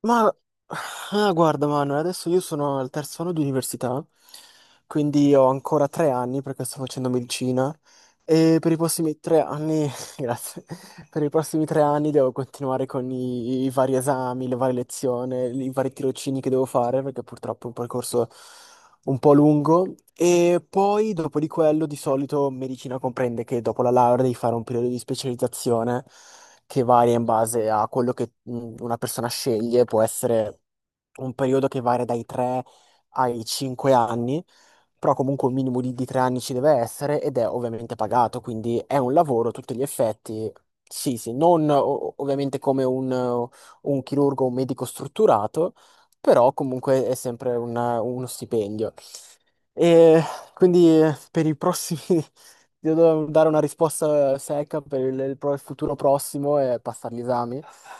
Ma guarda Manuel, adesso io sono al terzo anno di università, quindi ho ancora 3 anni perché sto facendo medicina e per i prossimi 3 anni, grazie, per i prossimi tre anni devo continuare con i vari esami, le varie lezioni, i vari tirocini che devo fare perché purtroppo è un percorso un po' lungo e poi dopo di quello di solito medicina comprende che dopo la laurea devi fare un periodo di specializzazione che varia in base a quello che una persona sceglie. Può essere un periodo che varia dai 3 ai 5 anni, però comunque un minimo di 3 anni ci deve essere ed è ovviamente pagato, quindi è un lavoro a tutti gli effetti. Sì, sì, non o- ovviamente come un chirurgo, un medico strutturato, però comunque è sempre uno stipendio. E quindi per i prossimi devo dare una risposta secca per il futuro prossimo e passare gli esami.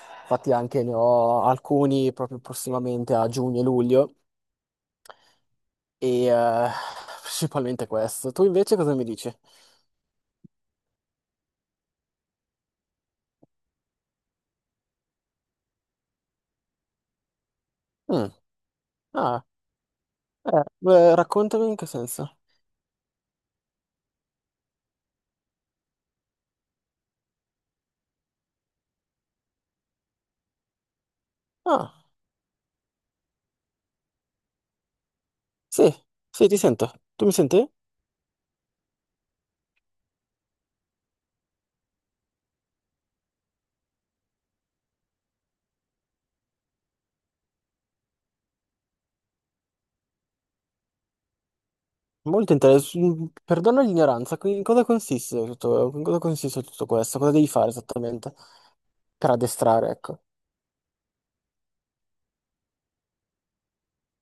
Infatti anche ne ho alcuni proprio prossimamente a giugno e luglio e principalmente questo. Tu invece cosa mi dici? Mm, ah, eh, raccontami in che senso. Ah, sì, sì, ti sento. Tu mi senti? Molto interessante. Perdono l'ignoranza, in cosa consiste tutto, in cosa consiste tutto questo? Cosa devi fare esattamente per addestrare, ecco.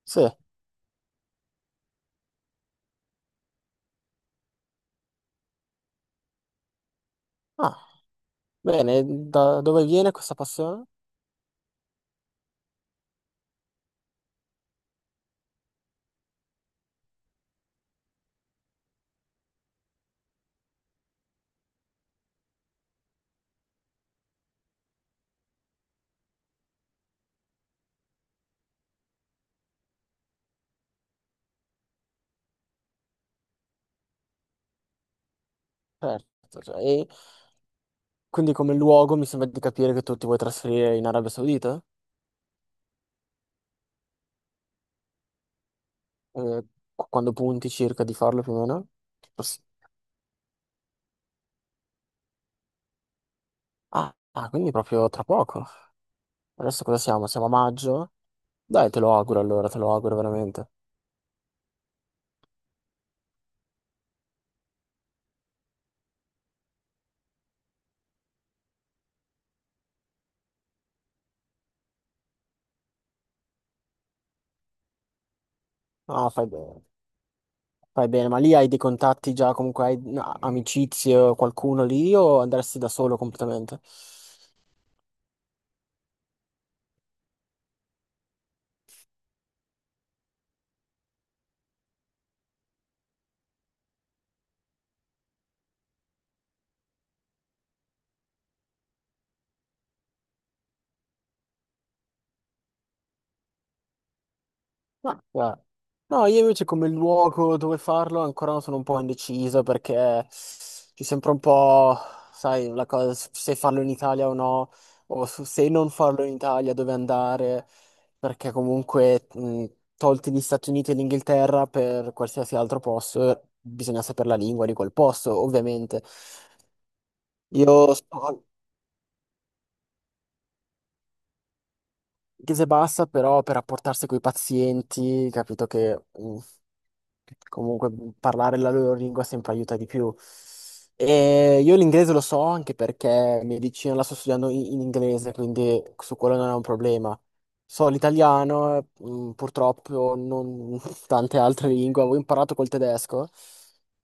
Sì. Ah, bene, da dove viene questa passione? Certo, cioè, e quindi come luogo mi sembra di capire che tu ti vuoi trasferire in Arabia Saudita? Eh, quando punti circa di farlo più o meno? Poss- ah, ah, quindi proprio tra poco. Adesso cosa siamo? Siamo a maggio? Dai, te lo auguro allora, te lo auguro veramente. No, fai bene. Fai bene, ma lì hai dei contatti già, comunque hai no, amicizie o qualcuno lì o andresti da solo completamente? Ma guarda, no, io invece come luogo dove farlo ancora sono un po' indeciso perché ci sembra un po', sai, la cosa se farlo in Italia o no, o se non farlo in Italia dove andare, perché comunque tolti gli Stati Uniti e l'Inghilterra per qualsiasi altro posto, bisogna sapere la lingua di quel posto, ovviamente. Io so inglese bassa, però per rapportarsi con i pazienti, capito che... Comunque parlare la loro lingua sempre aiuta di più. E io l'inglese lo so anche perché mia vicina la sto studiando in inglese, quindi su quello non è un problema. So l'italiano, mm, purtroppo non tante altre lingue. Avevo imparato col tedesco,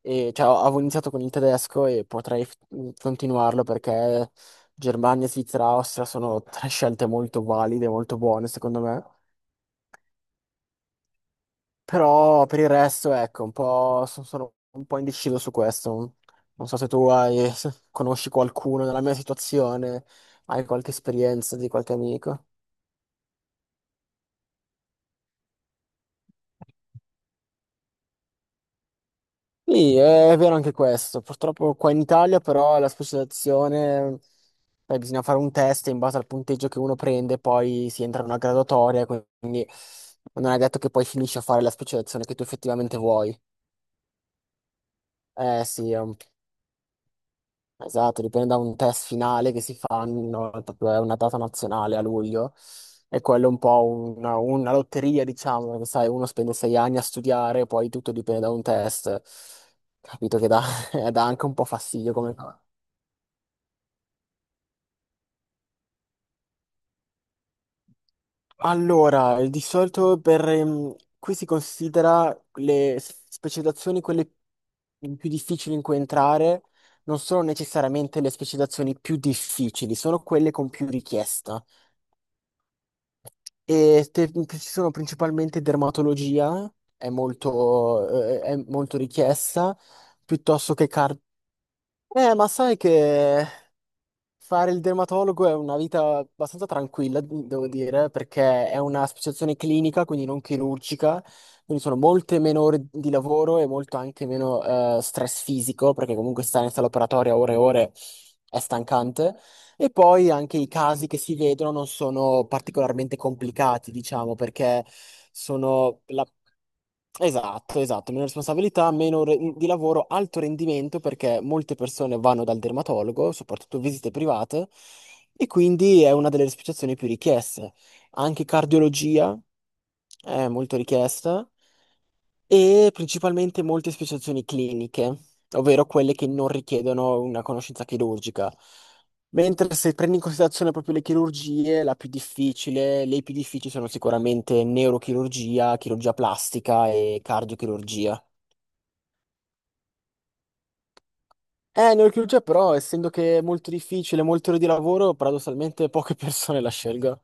e, cioè avevo iniziato con il tedesco e potrei continuarlo perché Germania, Svizzera, Austria sono tre scelte molto valide, molto buone secondo me. Però per il resto, ecco, un po', sono un po' indeciso su questo. Non so se tu hai, se conosci qualcuno nella mia situazione, hai qualche esperienza di qualche amico. Sì, è vero anche questo. Purtroppo qua in Italia però la specializzazione, bisogna fare un test e in base al punteggio che uno prende, poi si entra in una graduatoria, quindi non è detto che poi finisci a fare la specializzazione che tu effettivamente vuoi. Eh sì, esatto, dipende da un test finale che si fa una volta- è una data nazionale a luglio e quello è un po' una lotteria, diciamo, perché sai, uno spende 6 anni a studiare, poi tutto dipende da un test. Capito che dà, dà anche un po' fastidio come cosa. Allora, di solito per, qui si considera le specializzazioni. Quelle più difficili in cui entrare non sono necessariamente le specializzazioni più difficili, sono quelle con più richiesta. E ci sono principalmente dermatologia, è molto richiesta, piuttosto che car... ma sai che fare il dermatologo è una vita abbastanza tranquilla, devo dire, perché è una specializzazione clinica, quindi non chirurgica, quindi sono molte meno ore di lavoro e molto anche meno stress fisico, perché comunque stare in sala operatoria ore e ore è stancante. E poi anche i casi che si vedono non sono particolarmente complicati, diciamo, perché sono la... Esatto, esatto, meno responsabilità, meno di lavoro, alto rendimento perché molte persone vanno dal dermatologo, soprattutto visite private, e quindi è una delle specializzazioni più richieste. Anche cardiologia è molto richiesta e principalmente molte speciazioni cliniche, ovvero quelle che non richiedono una conoscenza chirurgica. Mentre se prendi in considerazione proprio le chirurgie, la più difficile, le più difficili sono sicuramente neurochirurgia, chirurgia plastica e cardiochirurgia. Neurochirurgia però, essendo che è molto difficile, molte ore di lavoro, paradossalmente poche persone la scelgono.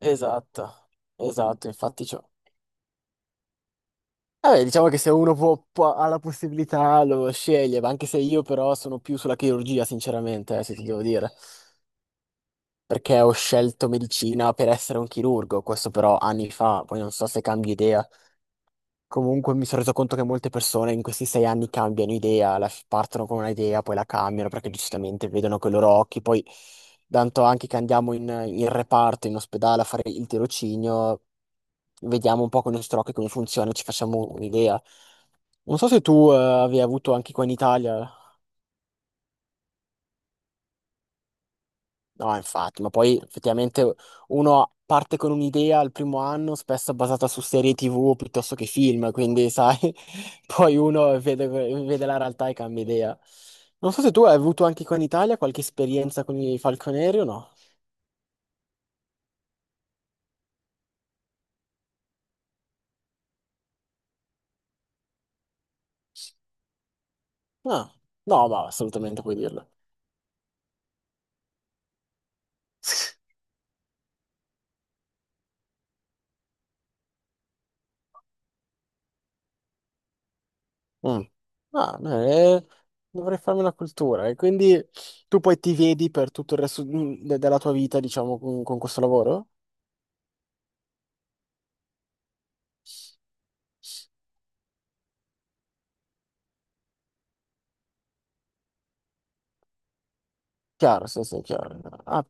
Esatto, esatto, infatti vabbè, diciamo che se uno può, ha la possibilità lo sceglie, ma anche se io però sono più sulla chirurgia, sinceramente, se ti devo dire, perché ho scelto medicina per essere un chirurgo, questo però anni fa, poi non so se cambi idea. Comunque mi sono reso conto che molte persone in questi 6 anni cambiano idea, partono con un'idea, poi la cambiano perché giustamente vedono con i loro occhi, poi tanto anche che andiamo in reparto, in ospedale a fare il tirocinio, vediamo un po' con i nostri occhi come funziona, ci facciamo un'idea. Non so se tu avevi avuto anche qua in Italia, no, infatti, ma poi effettivamente uno parte con un'idea al primo anno, spesso basata su serie TV piuttosto che film, quindi sai, poi uno vede, vede la realtà e cambia idea. Non so se tu hai avuto anche qua in Italia qualche esperienza con i falconieri o no? Ah, no, ma assolutamente puoi dirlo. Mm. Ah, eh, dovrei farmi una cultura e quindi tu poi ti vedi per tutto il resto della tua vita, diciamo, con questo lavoro? Chiaro, sì, sì, chiaro. Ah,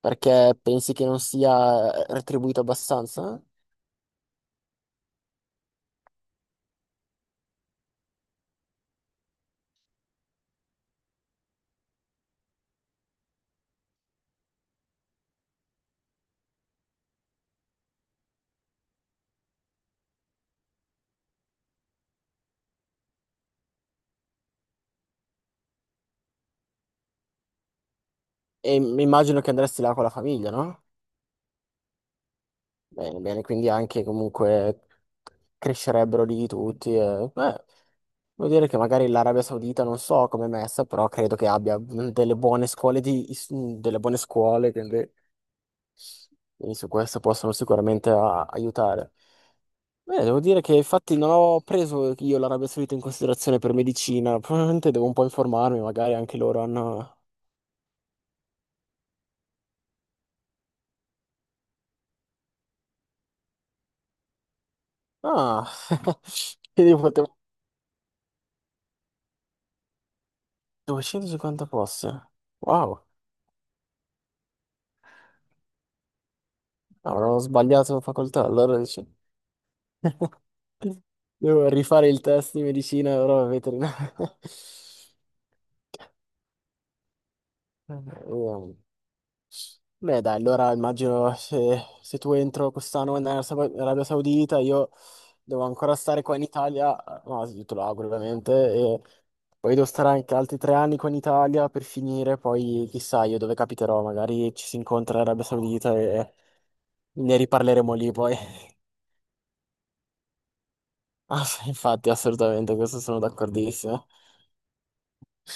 perché pensi che non sia retribuito abbastanza? E immagino che andresti là con la famiglia, no? Bene, bene, quindi anche comunque crescerebbero lì tutti. E, beh, vuol dire che magari l'Arabia Saudita non so come è messa, però credo che abbia delle buone scuole di, delle buone scuole, quindi, quindi su questo possono sicuramente aiutare. Beh, devo dire che infatti non ho preso io l'Arabia Saudita in considerazione per medicina, probabilmente devo un po' informarmi, magari anche loro hanno... Ah, quindi potevo... 250 posti. Wow, avrò sbagliato facoltà, allora dice... devo rifare il test di medicina, però veterinaria. Eh, beh, dai, allora immagino se, se tu entro quest'anno in Arabia Arabia Saudita, io devo ancora stare qua in Italia, no, sì, te lo auguro ovviamente, e poi devo stare anche altri 3 anni qua in Italia per finire, poi chissà io dove capiterò, magari ci si incontra in Arabia Saudita e ne riparleremo lì poi. Ah, sì, infatti, assolutamente, questo sono d'accordissimo.